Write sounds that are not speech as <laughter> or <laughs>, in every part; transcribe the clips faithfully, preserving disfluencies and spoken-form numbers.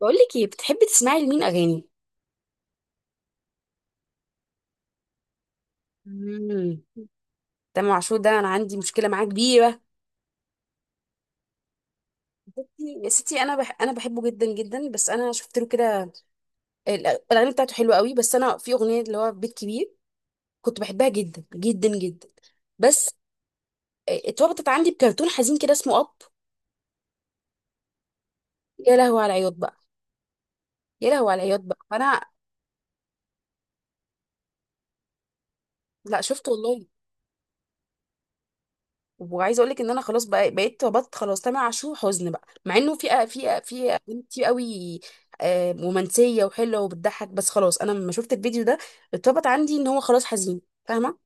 بقول لك ايه، بتحبي تسمعي لمين اغاني؟ امم تامر عاشور ده، انا عندي مشكله معاه كبيره. بصي يا ستي، انا بح انا بحبه جدا جدا. بس انا شفت له كده. ال- الاغاني بتاعته حلوه قوي. بس انا في اغنيه اللي هو بيت كبير، كنت بحبها جدا جدا جدا. بس اتربطت عندي بكرتون حزين كده اسمه اب. يا لهوي على العياط بقى، يا لهوي على العياط بقى، فانا، لا، شفته والله. وعايزه اقول لك ان انا خلاص بقى بقيت ربطت خلاص تامر عاشور حزن بقى، مع انه في أ- في أ- في اغاني كتير قوي، آه، رومانسيه وحلوه وبتضحك. بس خلاص انا لما شفت الفيديو ده اتربط عندي ان هو خلاص حزين. فاهمه؟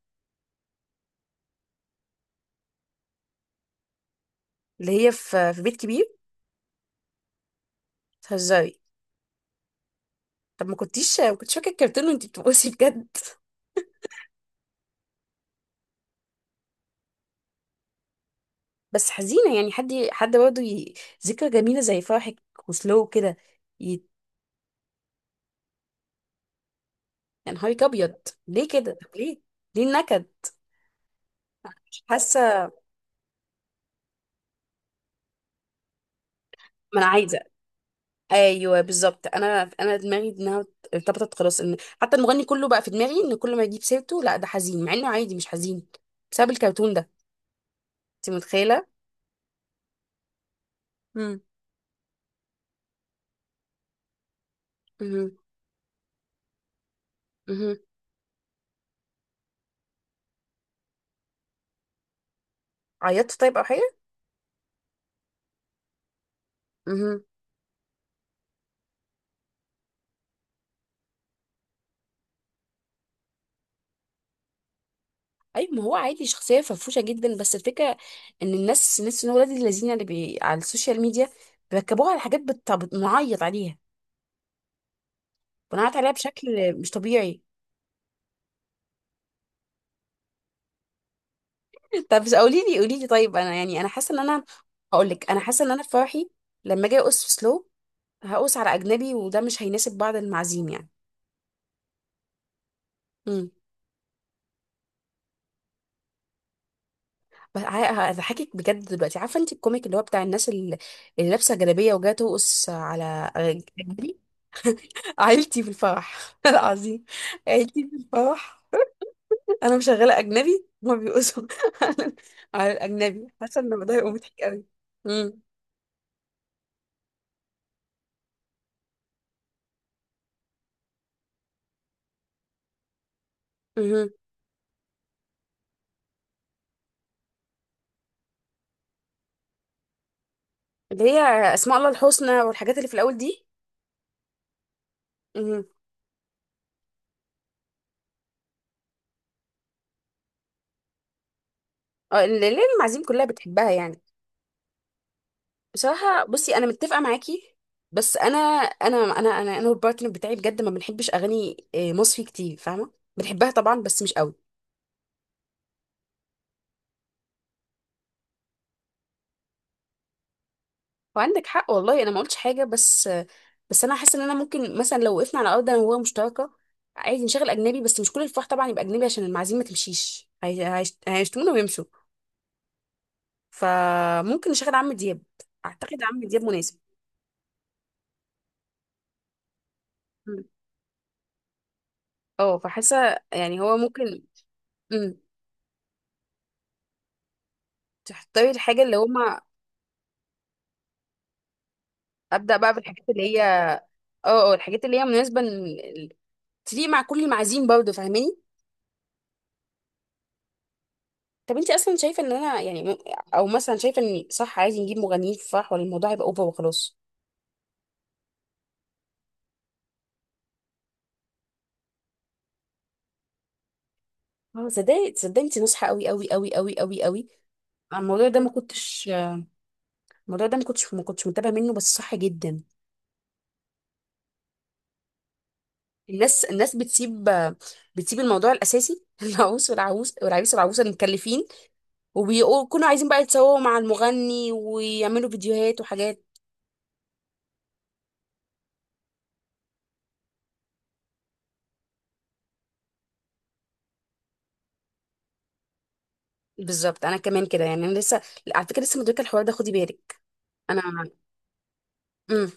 اللي هي في في بيت كبير. تهزري؟ طب، ما كنتيش ما كنتش فاكره الكرتون وانت بتبصي بجد؟ بس حزينه يعني، حد حد برضه، ي- ذكرى جميله زي فرحك وسلو كده. ي- يا نهارك ابيض. ليه كده؟ طب ليه؟ ليه النكد؟ مش حاسه. ما انا عايزه، ايوه بالظبط، انا انا دماغي انها ارتبطت خلاص ان حتى المغني كله بقى في دماغي، ان كل ما يجيب سيرته لا ده حزين، مع انه عادي، مش حزين، بسبب الكرتون ده. انت متخيله؟ امم مهم. مهم. عيطت طيب او حاجه؟ مهم. ايوه، ما هو عادي شخصيه فرفوشه جدا. بس الفكره ان الناس الناس، ان ولاد الذين اللي بي... على السوشيال ميديا بيركبوها على حاجات، بت... بنعيط عليها بنعيط عليها بشكل مش طبيعي. <laughs> طب، قولي لي، قولي لي. طيب انا يعني، انا حاسه ان انا، هقول لك، انا حاسه ان انا في فرحي لما اجي ارقص في سلو هقوس على اجنبي، وده مش هيناسب بعض المعازيم يعني. امم بس، ه- هضحكك بجد دلوقتي. عارفه انت الكوميك اللي هو بتاع الناس، اللي اللي لابسه جلابيه وجايه ترقص على اجنبي؟ عيلتي في الفرح <laughs> العظيم. عيلتي في الفرح. <laughs> انا مشغله اجنبي، هما بيقصوا <laughs> على على الاجنبي، حاسه ان الموضوع هيبقى مضحك قوي. امم امم اللي هي اسماء الله الحسنى والحاجات اللي في الاول دي. امم اه، اللي اللي المعازيم كلها بتحبها يعني. بصراحة بصي، أنا متفقة معاكي. بس أنا أنا أنا أنا أنا والبارتنر بتاعي بجد ما بنحبش أغاني، آه، مصري كتير، فاهمة؟ بنحبها طبعا بس مش قوي. وعندك حق والله، أنا ما قلتش حاجة، بس آه، بس أنا حاسة إن أنا ممكن مثلا لو وقفنا على أرض أنا وهو مشتركة عادي نشغل أجنبي، بس مش كل الفرح طبعا يبقى أجنبي عشان المعازيم ما تمشيش، هي- هيشت- هيشتمونا ويمشوا. فممكن نشغل عم دياب. أعتقد عم دياب مناسب. مم. اه، فحاسة يعني هو ممكن. مم، تختاري الحاجة اللي هما، أبدأ بقى بالحاجات اللي هي، اه اه الحاجات اللي هي مناسبة، إن- تليق مع كل المعازيم برضه. فاهماني؟ طب انت اصلا شايفة ان انا يعني، م- او مثلا شايفة ان صح، عايز نجيب مغنيين في الفرح ولا الموضوع يبقى اوفر وخلاص؟ اه، صدقني صدقني، انت نصحة قوي قوي قوي قوي قوي قوي. آه، الموضوع ده ما كنتش الموضوع ده ما كنتش ما كنتش متابعة منه، بس صح جدا. الناس، الناس بتسيب، بتسيب الموضوع الاساسي. <laughs> العروس والعروس والعريس والعروسة المكلفين، وبيكونوا عايزين بقى يتصوروا مع المغني ويعملوا فيديوهات وحاجات. بالظبط، انا كمان كده يعني، انا لسه، على فكره، لسه مدركه الحوار ده، خدي بالك. انا، امم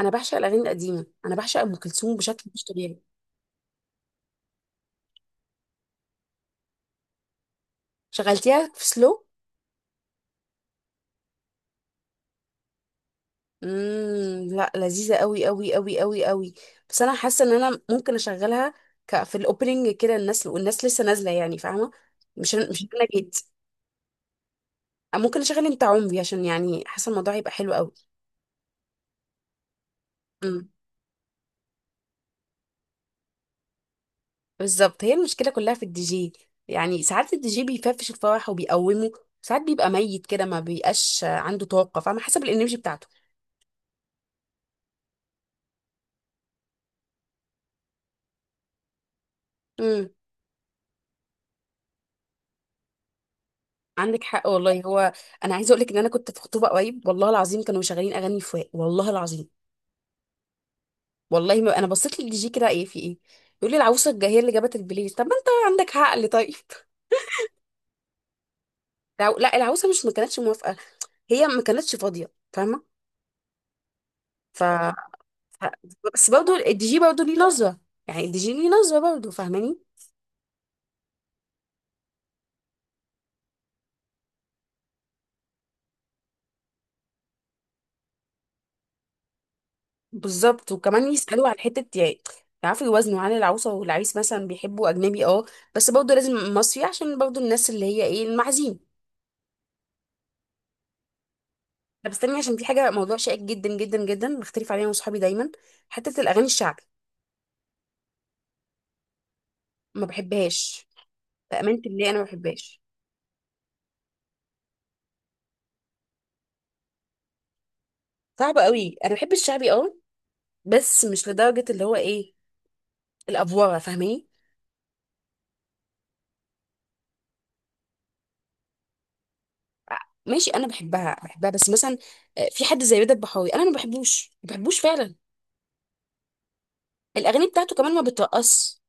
انا بعشق الاغاني القديمه. انا بعشق ام كلثوم بشكل مش طبيعي. شغلتيها في سلو؟ امم لا، لذيذه قوي قوي قوي قوي قوي. بس انا حاسه ان انا ممكن اشغلها، ك... في الاوبننج كده، الناس والناس لسه نازله يعني، فاهمه؟ مش أنا- مش انا جيت. ممكن اشغل انت عمري، عشان يعني حاسه الموضوع هيبقى حلو قوي. بالظبط، هي المشكله كلها في الدي جي. يعني ساعات الدي جي بيفرفش الفرح وبيقومه، ساعات بيبقى ميت كده، ما بيبقاش عنده طاقه، فاهمه؟ حسب الانرجي بتاعته. امم عندك حق والله. هو، انا عايزه اقول لك ان انا كنت في خطوبه قريب، والله العظيم كانوا مشغلين اغاني فواق، والله العظيم. والله ما انا بصيت للدي جي كده، ايه في ايه؟ يقول لي العروسه، الج- هي اللي جابت البلاي. طب ما انت عندك عقل طيب. <laughs> العو- لا، العروسه مش ما كانتش موافقه، هي ما كانتش فاضيه، فاهمه؟ ف ف- بس برضه الدي جي برضه ليه نظره. يعني الدي جي ليه نظره برضه. فاهماني؟ بالظبط. وكمان يسألوا على حتة يعني، يعرفوا يوازنوا عن العروسة والعريس. مثلا بيحبوا أجنبي اه، بس برضه لازم مصري عشان برضه الناس اللي هي ايه، المعازيم. طب استني، عشان في حاجة، موضوع شائك جدا جدا جدا، بختلف عليها أنا وصحابي دايما. حتة الأغاني الشعبي، ما بحبهاش. بأمانة الله أنا ما بحبهاش. صعبة قوي. أنا بحب الشعبي اه، بس مش لدرجة اللي هو ايه، الأفوارة، فاهماني؟ ماشي، أنا بحبها بحبها بس مثلا، آه، في حد زي رضا البحراوي أنا ما بحبوش ما بحبوش فعلا. الأغاني بتاعته كمان ما بترقص.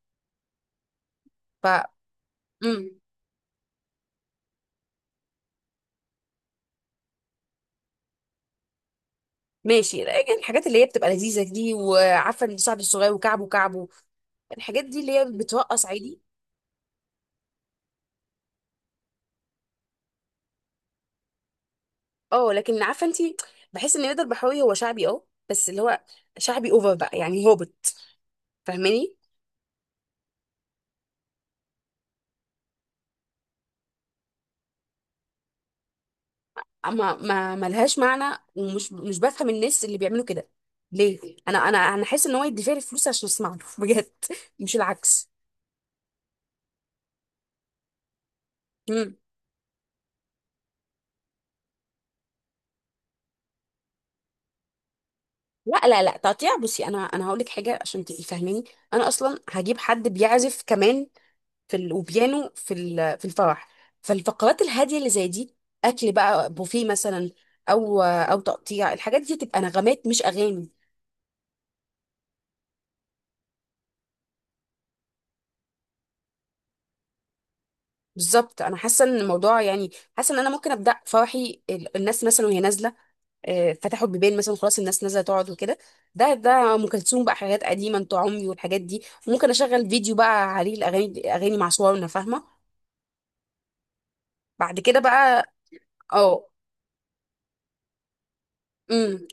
ف مم. ماشي. الحاجات اللي هي بتبقى لذيذة دي، وعارفة ان صاحبي الصغير، وكعبه كعبه، الحاجات دي اللي هي بتوقع عادي. اه لكن عارفة انت، بحس ان رضا البحراوي هو شعبي اه، بس اللي هو شعبي اوفر بقى يعني هابط، فاهماني؟ اما ما ملهاش معنى، ومش مش بفهم الناس اللي بيعملوا كده ليه. انا انا انا حاسس ان هو يدفع لي فلوس عشان اسمع له. <laughs> بجد، مش العكس. مم. لا لا لا، تقطيع بصي، انا انا هقول لك حاجه عشان تبقي فاهماني. انا اصلا هجيب حد بيعزف كمان، في ال... وبيانو في ال... في الفرح. فالفقرات الهاديه اللي زي دي، اكل بقى بوفيه مثلا، او او تقطيع الحاجات دي، تبقى نغمات مش اغاني. بالظبط، انا حاسه ان الموضوع يعني، حاسه ان انا ممكن ابدا فرحي، ال- الناس مثلا وهي نازله، آه، فتحوا البيبان مثلا، خلاص الناس نازله تقعد وكده، ده ده ام كلثوم بقى، حاجات قديمه، انت عمري والحاجات دي. ممكن اشغل فيديو بقى عليه الاغاني اغاني مع صورنا، فاهمه؟ بعد كده بقى، اه، امم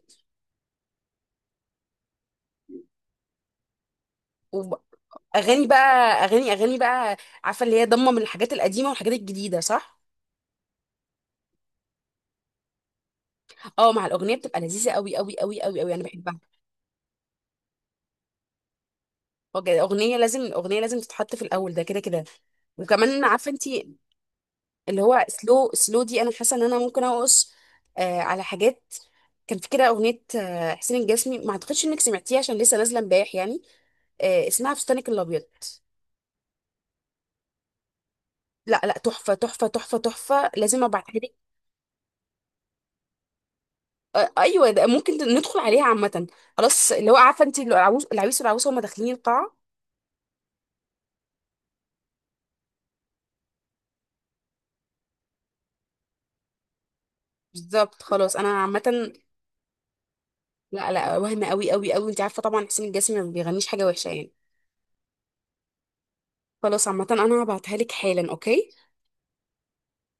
اغاني بقى اغاني اغاني بقى. عارفه اللي هي ضمه من الحاجات القديمه والحاجات الجديده، صح؟ اه مع الاغنيه بتبقى لذيذه قوي قوي قوي قوي قوي، انا بحبها. وج- اغنيه لازم الاغنيه لازم تتحط في الاول، ده كده كده. وكمان عارفه انت، اللي هو سلو، سلو دي انا حاسه ان انا ممكن اقص، آه على حاجات. كان في كده اغنيه، آه حسين الجسمي، ما اعتقدش انك سمعتيها عشان لسه نازله امبارح يعني. آه اسمها فستانك الابيض. لا لا، تحفه تحفه تحفه تحفه، لازم ابعتها. آه، ايوه ده ممكن ندخل عليها عامه. خلاص، اللي هو عارفه انت، اللي العروس، العريس والعروسه، هما داخلين القاعه. بالظبط، خلاص انا عامه. لا لا، وهم قوي قوي قوي. انت عارفه طبعا حسين الجسمي ما بيغنيش حاجه وحشه يعني. خلاص عامه، انا هبعتها لك حالا. اوكي.